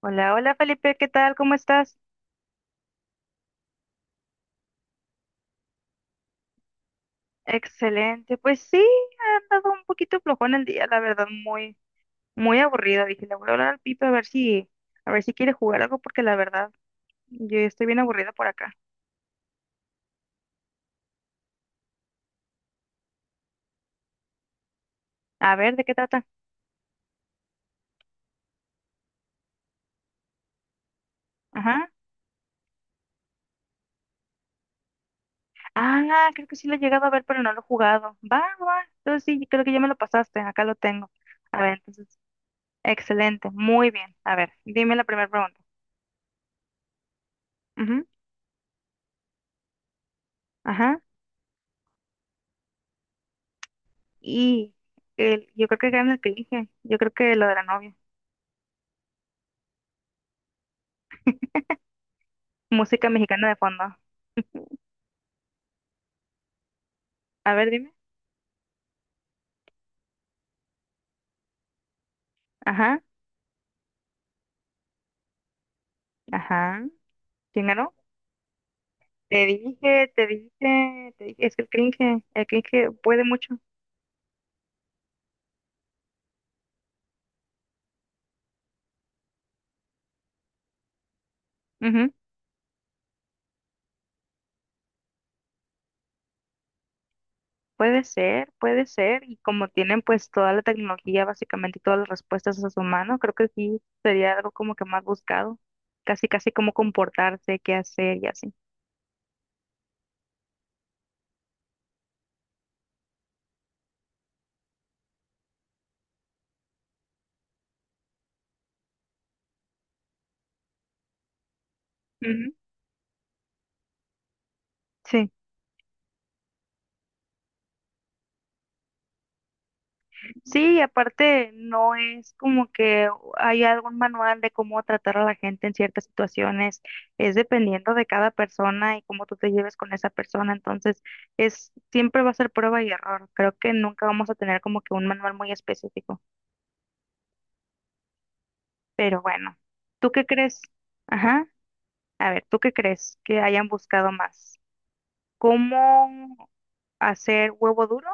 Hola, hola Felipe, ¿qué tal? ¿Cómo estás? Excelente. Pues sí, ha andado un poquito flojón el día, la verdad, muy, muy aburrido. Dije, le voy a hablar al Pipe a ver si quiere jugar algo, porque la verdad, yo ya estoy bien aburrida por acá. A ver, ¿de qué trata? Ajá. Ah, creo que sí lo he llegado a ver, pero no lo he jugado. Va, va. Entonces sí, creo que ya me lo pasaste, acá lo tengo. A ver, entonces, excelente, muy bien. A ver, dime la primera pregunta. Ujú, ajá. Y yo creo que gana el que dije. Yo creo que lo de la novia. Música mexicana de fondo. A ver, dime. Ajá, ajá. ¿Quién ganó? Te dije, te dije, es que el cringe puede mucho. Ujú. Puede ser, puede ser. Y como tienen pues toda la tecnología básicamente y todas las respuestas a su mano, creo que sí sería algo como que más buscado. Casi, casi como comportarse, qué hacer y así. Ujú. Sí. Sí, y aparte no es como que hay algún manual de cómo tratar a la gente en ciertas situaciones, es dependiendo de cada persona y cómo tú te lleves con esa persona, entonces es siempre va a ser prueba y error. Creo que nunca vamos a tener como que un manual muy específico, pero bueno, ¿tú qué crees? Ajá, a ver, ¿tú qué crees que hayan buscado más? ¿Cómo hacer huevo duro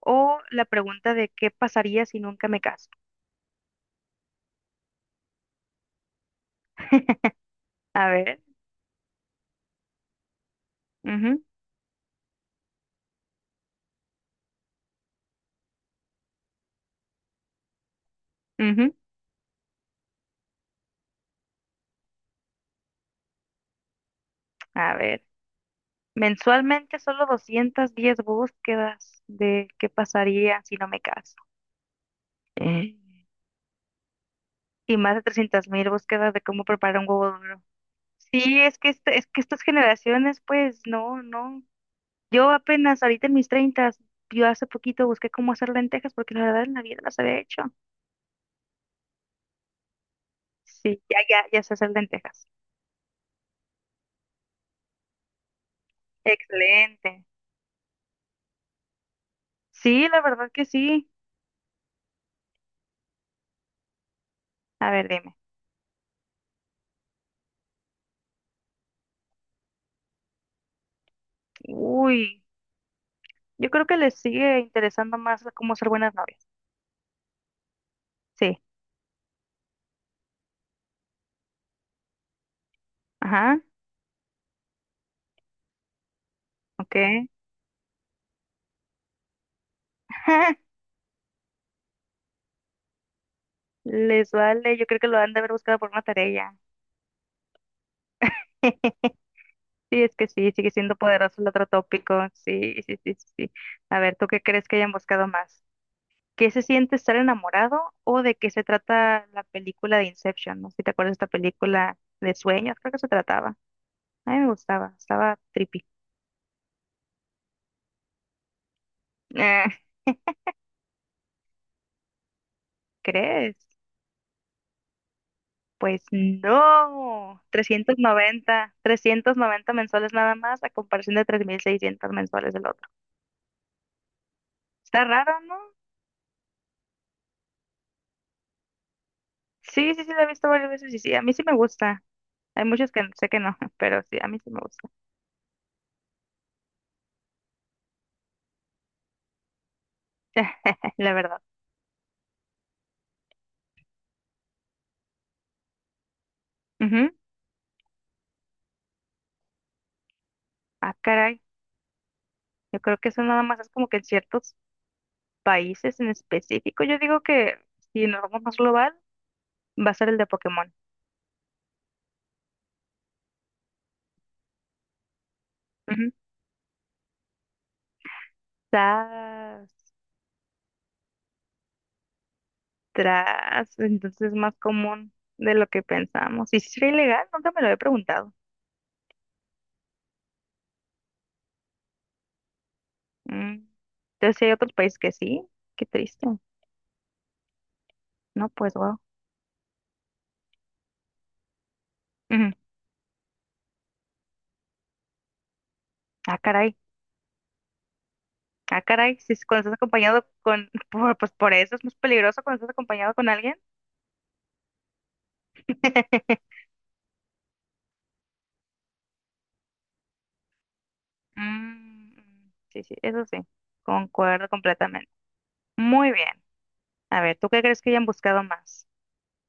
o la pregunta de qué pasaría si nunca me caso? A ver, mhm. A ver, mensualmente solo 210 búsquedas de qué pasaría si no me caso. Mm. Y más de 300,000 búsquedas de cómo preparar un huevo duro. Sí, es es que estas generaciones, pues, no, no. Yo apenas ahorita en mis treintas, yo hace poquito busqué cómo hacer lentejas porque la verdad en la vida las había hecho. Sí, ya, ya, ya sé hacer lentejas. Excelente. Sí, la verdad que sí. A ver, dime. Uy, yo creo que les sigue interesando más cómo ser buenas novias. Sí. Ajá, ok. Les vale, yo creo que lo han de haber buscado por una tarea ya. Sí, es que sí, sigue siendo poderoso el otro tópico. Sí, sí, sí, sí, sí. A ver, ¿tú qué crees que hayan buscado más? ¿Qué se siente estar enamorado o de qué se trata la película de Inception? No sé si te acuerdas de esta película de sueños, creo que se trataba. A mí me gustaba, estaba trippy. Eh, ¿crees? Pues no, 390, 390 mensuales nada más a comparación de 3.600 mensuales del otro. Está raro, ¿no? Sí, sí, sí, la he visto varias veces y sí, a mí sí me gusta. Hay muchos que sé que no, pero sí, a mí sí me gusta. La verdad. Ujú. Ah, caray. Yo creo que eso nada más es como que en ciertos países en específico. Yo digo que si nos vamos más global, va a ser el de Pokémon. Ujú. Tras, tras. Entonces es más común de lo que pensamos. ¿Y si sería ilegal? Nunca me lo he preguntado. Mm. Entonces sí hay otros países que sí. Qué triste. No, pues wow. Ujú. Ah, caray. Ah, caray, si es cuando estás acompañado pues por eso es más peligroso cuando estás acompañado con alguien. Mm, sí, sí, eso sí, concuerdo completamente. Muy bien. A ver, ¿tú qué crees que hayan buscado más?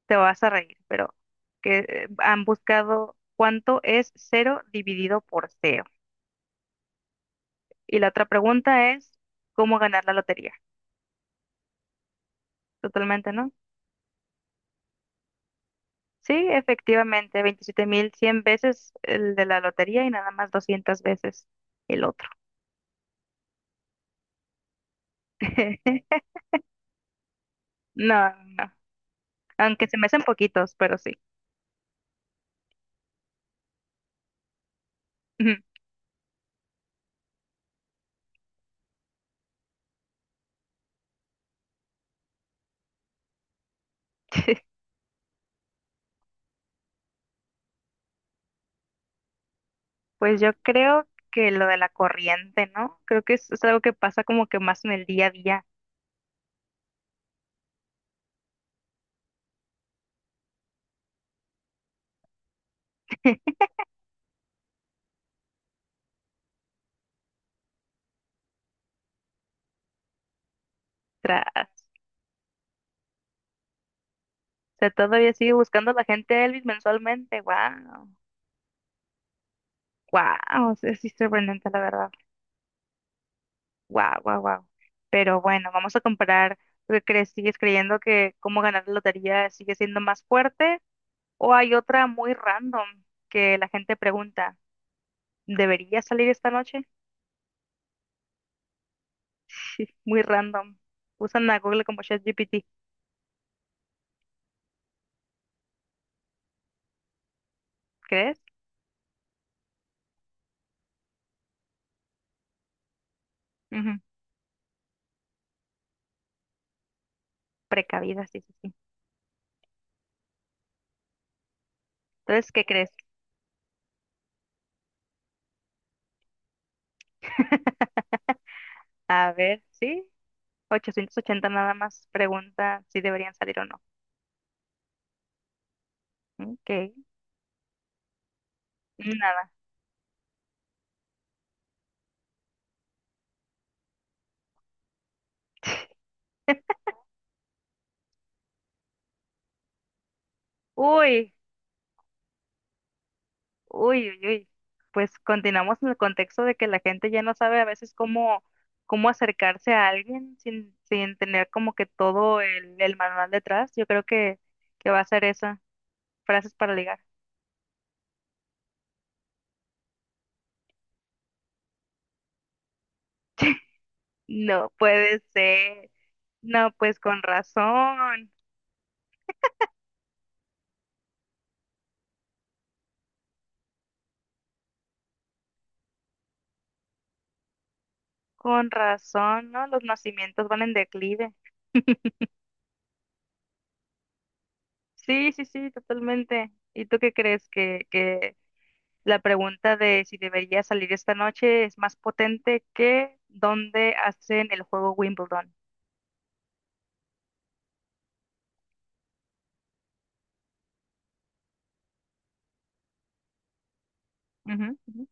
Te vas a reír, pero que han buscado cuánto es cero dividido por cero. Y la otra pregunta es, ¿cómo ganar la lotería? Totalmente, ¿no? Sí, efectivamente, 27.100 veces el de la lotería y nada más 200 veces el otro. No, no, no. Aunque se me hacen poquitos, pero sí. Ujú. Pues yo creo que lo de la corriente, ¿no? Creo que es algo que pasa como que más en el día a día. Tras. O sea, todavía sigue buscando la gente a Elvis mensualmente. Wow. Wow. Es sorprendente, la verdad. Wow, wow, wow. Pero bueno, vamos a comparar. ¿Tú qué crees? ¿Sigues creyendo que cómo ganar la lotería sigue siendo más fuerte? ¿O hay otra muy random que la gente pregunta, ¿debería salir esta noche? Sí, muy random. Usan a Google como ChatGPT, ¿crees? Ujú, precavida, sí, sí, sí. Entonces, ¿qué crees? A ver, sí, 880 nada más pregunta si deberían salir o no. Ok, nada. Uy, uy, uy, uy. Pues continuamos en el contexto de que la gente ya no sabe a veces cómo, cómo acercarse a alguien sin, sin tener como que todo el manual detrás. Yo creo que va a ser esa. Frases para ligar. No puede ser. No, pues con razón, ¿no? Los nacimientos van en declive. Sí, sí, sí, totalmente. ¿Y tú qué crees que la pregunta de si debería salir esta noche es más potente que dónde hacen el juego Wimbledon? Ujú, ujú,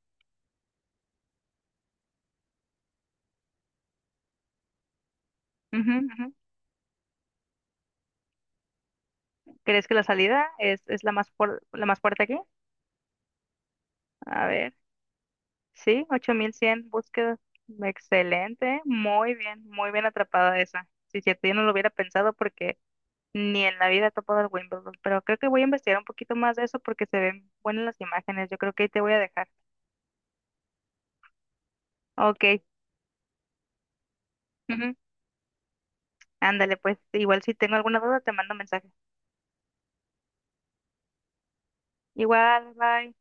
ujú, ujú. ¿Crees que la salida es la más, la más fuerte aquí? A ver. Sí, 8.100 búsquedas. Excelente. Muy bien atrapada esa. Si cierto, yo no lo hubiera pensado porque ni en la vida he topado el Wimbledon, pero creo que voy a investigar un poquito más de eso porque se ven buenas las imágenes. Yo creo que ahí te voy a dejar. Ok. Ujú, ándale, pues igual si tengo alguna duda te mando mensaje. Igual, bye.